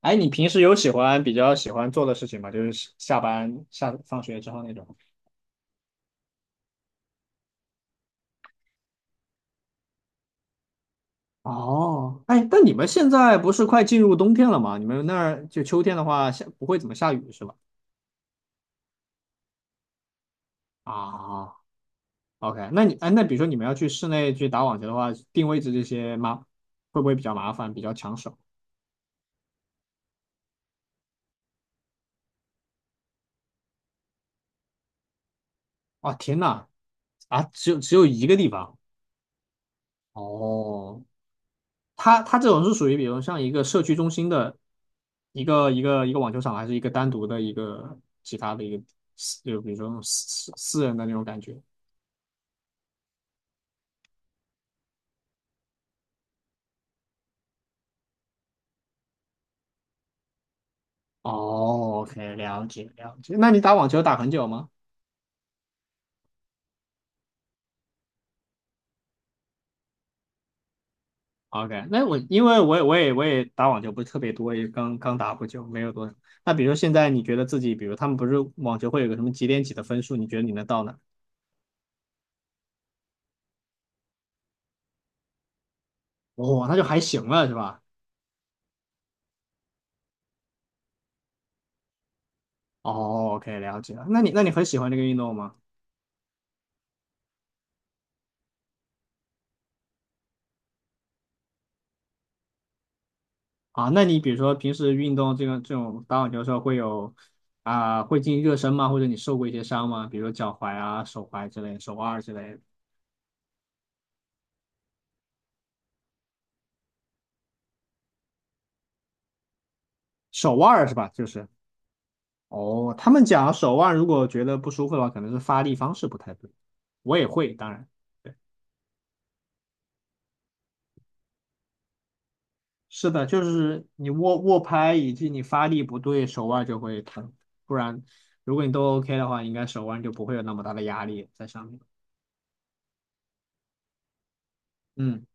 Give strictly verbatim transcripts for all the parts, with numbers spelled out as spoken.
哎，你平时有喜欢比较喜欢做的事情吗？就是下班下放学之后那种。哦，哎，但你们现在不是快进入冬天了吗？你们那儿就秋天的话，下不会怎么下雨是吧？啊，OK，那你哎，那比如说你们要去室内去打网球的话，定位置这些吗？会不会比较麻烦，比较抢手？哇，天呐，啊，只有只有一个地方。哦，它它这种是属于，比如像一个社区中心的一个一个一个网球场，还是一个单独的一个其他的一个私，就比如说那种私私私人的那种感觉。哦，OK，了解了解。那你打网球打很久吗？OK，那我因为我也我也我也打网球不是特别多，也刚刚打不久，没有多少。那比如说现在你觉得自己，比如他们不是网球会有个什么几点几的分数，你觉得你能到哪？哦，那就还行了，是吧？哦，OK，了解了。那你那你很喜欢这个运动吗？啊，那你比如说平时运动这个这种打网球的时候会有啊、会进行热身吗？或者你受过一些伤吗？比如说脚踝啊、手踝之类、手腕儿之类的手腕儿是吧？就是哦，他们讲手腕如果觉得不舒服的话，可能是发力方式不太对。我也会，当然是的，就是你握握拍以及你发力不对，手腕就会疼。不然，如果你都 OK 的话，应该手腕就不会有那么大的压力在上面。嗯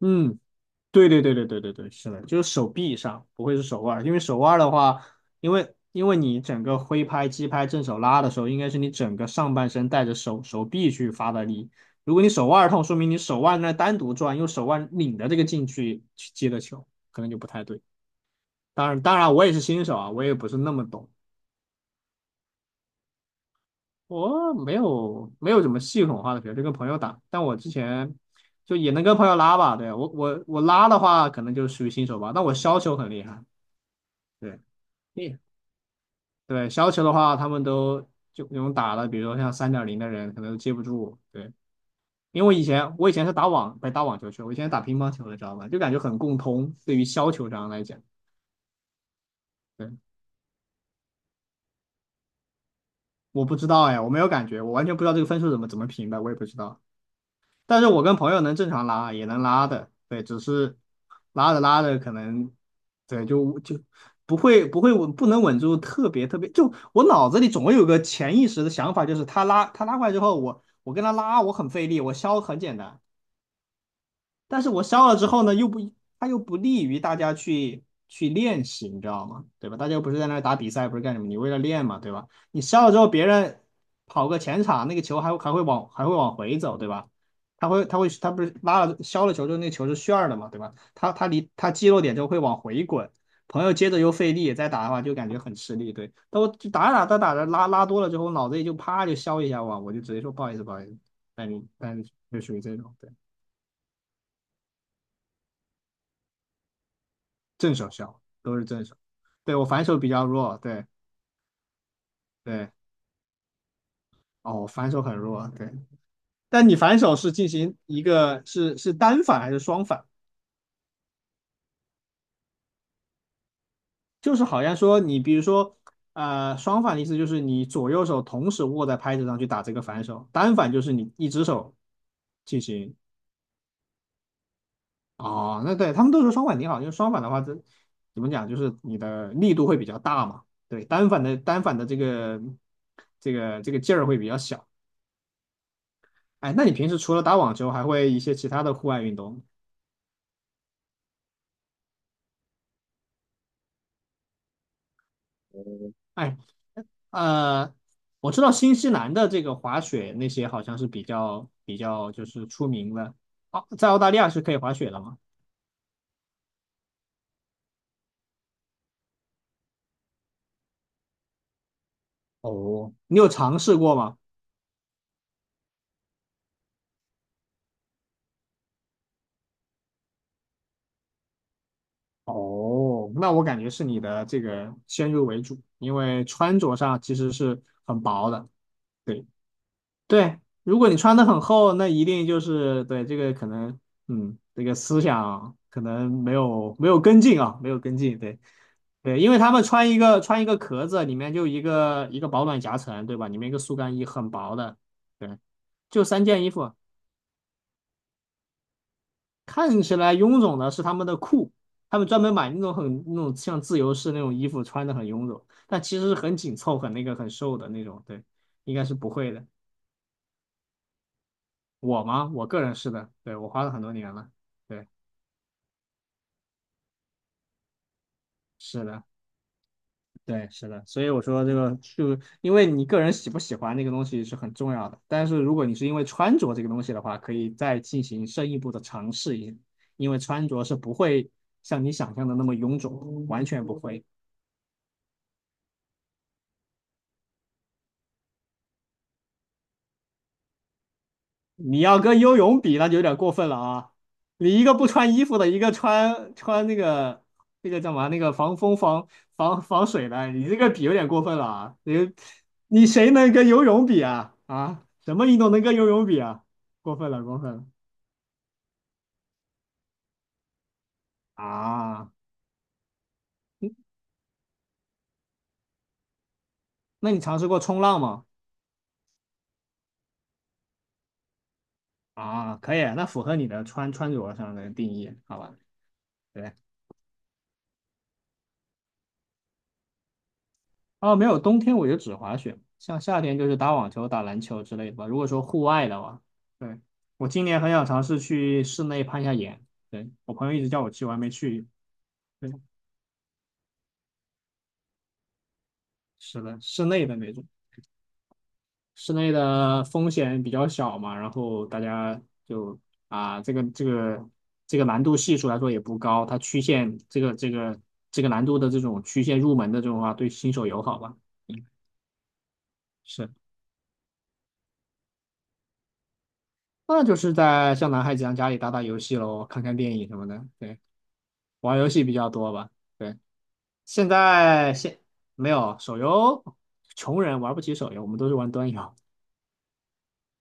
嗯。对对对对对对对，是的，就是手臂上，不会是手腕儿，因为手腕儿的话，因为因为你整个挥拍、击拍、正手拉的时候，应该是你整个上半身带着手手臂去发的力。如果你手腕儿痛，说明你手腕在单独转，用手腕拧着这个劲去去接的球，可能就不太对。当然，当然我也是新手啊，我也不是那么懂，我没有没有怎么系统化的学，就跟朋友打，但我之前。就也能跟朋友拉吧，对，我我我拉的话，可能就属于新手吧。但我削球很厉害，对。对，对，削球的话，他们都就那种打的，比如说像三点零的人，可能都接不住。对，因为我以前我以前是打网，不是打网球去，我以前是打乒乓球的，知道吗？就感觉很共通，对于削球这样来讲，对，我不知道哎，我没有感觉，我完全不知道这个分数怎么怎么评的，我也不知道。但是我跟朋友能正常拉，也能拉的，对，只是拉着拉着可能，对，就就不会不会稳，不能稳住特别特别，就我脑子里总会有个潜意识的想法，就是他拉他拉过来之后，我我跟他拉，我很费力，我削很简单，但是我烧了之后呢，又不，它又不利于大家去去练习，你知道吗？对吧？大家又不是在那儿打比赛，不是干什么？你为了练嘛，对吧？你烧了之后，别人跑个前场，那个球还还会往还会往回走，对吧？他会他会他不是拉了削了球之后，那球是旋儿的嘛，对吧？他他离他击落点之后会往回滚，朋友接着又费力再打的话，就感觉很吃力。对，但我就打着打着打着拉拉多了之后，脑子里就啪就削一下哇，我就直接说不好意思不好意思，但但就属于这种。对。正手削，都是正手。对，我反手比较弱，对对，哦，我反手很弱，对。但你反手是进行一个是是单反还是双反？就是好像说你比如说，呃，双反的意思就是你左右手同时握在拍子上去打这个反手，单反就是你一只手进行。哦，那对他们都说双反挺好，因为双反的话，这怎么讲，就是你的力度会比较大嘛。对，单反的单反的这个这个这个劲儿会比较小。哎，那你平时除了打网球，还会一些其他的户外运动吗？哎，呃，我知道新西兰的这个滑雪那些好像是比较比较就是出名的。哦，在澳大利亚是可以滑雪的吗？哦你有尝试过吗？哦，那我感觉是你的这个先入为主，因为穿着上其实是很薄的。对。对，如果你穿的很厚，那一定就是对这个可能，嗯，这个思想可能没有没有跟进啊，没有跟进，对对，因为他们穿一个穿一个壳子，里面就一个一个保暖夹层，对吧？里面一个速干衣，很薄的，对，就三件衣服，看起来臃肿的是他们的裤，他们专门买那种很那种像自由式那种衣服，穿的很臃肿，但其实是很紧凑、很那个很瘦的那种，对，应该是不会的。我吗？我个人是的，对，我花了很多年了，对，是的，对，是的，所以我说这个就因为你个人喜不喜欢那个东西是很重要的，但是如果你是因为穿着这个东西的话，可以再进行深一步的尝试一下，因为穿着是不会像你想象的那么臃肿，完全不会。你要跟游泳比，那就有点过分了啊！你一个不穿衣服的，一个穿穿那个那个叫什么那个防风防防防水的，你这个比有点过分了啊！你你谁能跟游泳比啊？啊，什么运动能跟游泳比啊？过分了，过分了啊！那你尝试过冲浪吗？啊，可以，那符合你的穿穿着上的定义，好吧？对。哦，没有，冬天我就只滑雪，像夏天就是打网球、打篮球之类的吧。如果说户外的话，对，我今年很想尝试去室内攀一下岩。对，我朋友一直叫我去，我还没去。对，是的，室内的那种，室内的风险比较小嘛，然后大家就啊，这个这个这个难度系数来说也不高，它曲线这个这个这个难度的这种曲线入门的这种话，对新手友好吧。嗯，是。那就是在像男孩子一样家里打打游戏喽，看看电影什么的。对，玩游戏比较多吧。对，现在现没有手游，穷人玩不起手游，我们都是玩端游。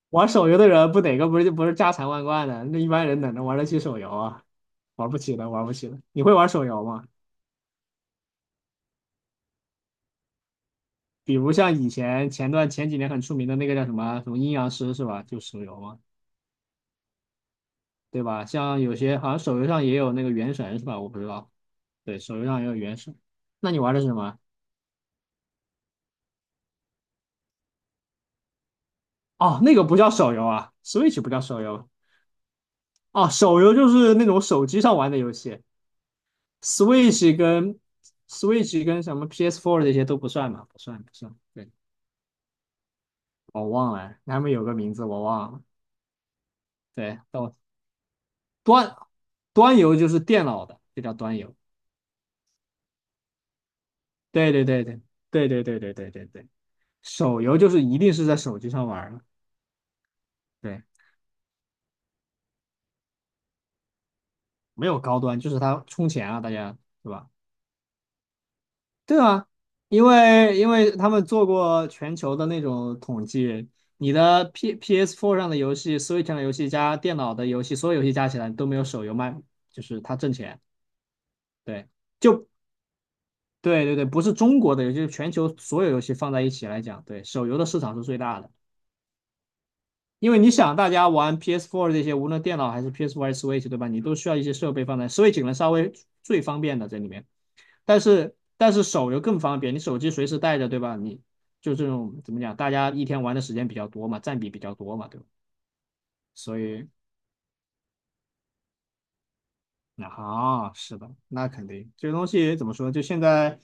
玩手游的人不哪个不是不是家财万贯的？那一般人哪能玩得起手游啊？玩不起的，玩不起的。你会玩手游吗？比如像以前前段前几年很出名的那个叫什么什么阴阳师是吧？就手游嘛，对吧？像有些好像手游上也有那个原神是吧？我不知道，对，手游上也有原神。那你玩的是什么？哦，那个不叫手游啊，Switch 不叫手游哦，手游就是那种手机上玩的游戏，Switch 跟 Switch 跟什么 P S four 这些都不算嘛，不算不算。对，我忘了，他们有个名字我忘了。对，到端端游就是电脑的，就叫端游。对对对对对对对对对对对，手游就是一定是在手机上玩儿的，对，没有高端，就是它充钱啊，大家对吧？对啊，因为因为他们做过全球的那种统计，你的 P p s Four 上的游戏、Switch 上的游戏加电脑的游戏，所有游戏加起来都没有手游卖，就是它挣钱。对，就对对对，不是中国的游戏，就是全球所有游戏放在一起来讲，对，手游的市场是最大的。因为你想，大家玩 p s Four 这些，无论电脑还是 P S four 还是 Switch，对吧？你都需要一些设备放在 Switch 可能稍微最方便的这里面，但是但是手游更方便，你手机随时带着，对吧？你就这种怎么讲，大家一天玩的时间比较多嘛，占比比较多嘛，对吧？所以啊，是的，那肯定这个东西怎么说？就现在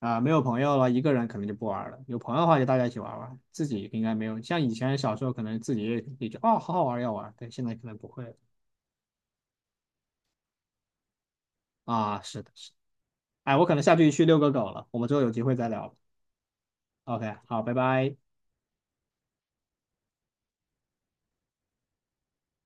啊、没有朋友了，一个人可能就不玩了。有朋友的话，就大家一起玩玩，自己应该没有。像以前小时候，可能自己也也就哦，好好玩要玩，但现在可能不会了啊。是的，是的，哎，我可能下去去遛个狗了，我们之后有机会再聊。OK，好，拜拜。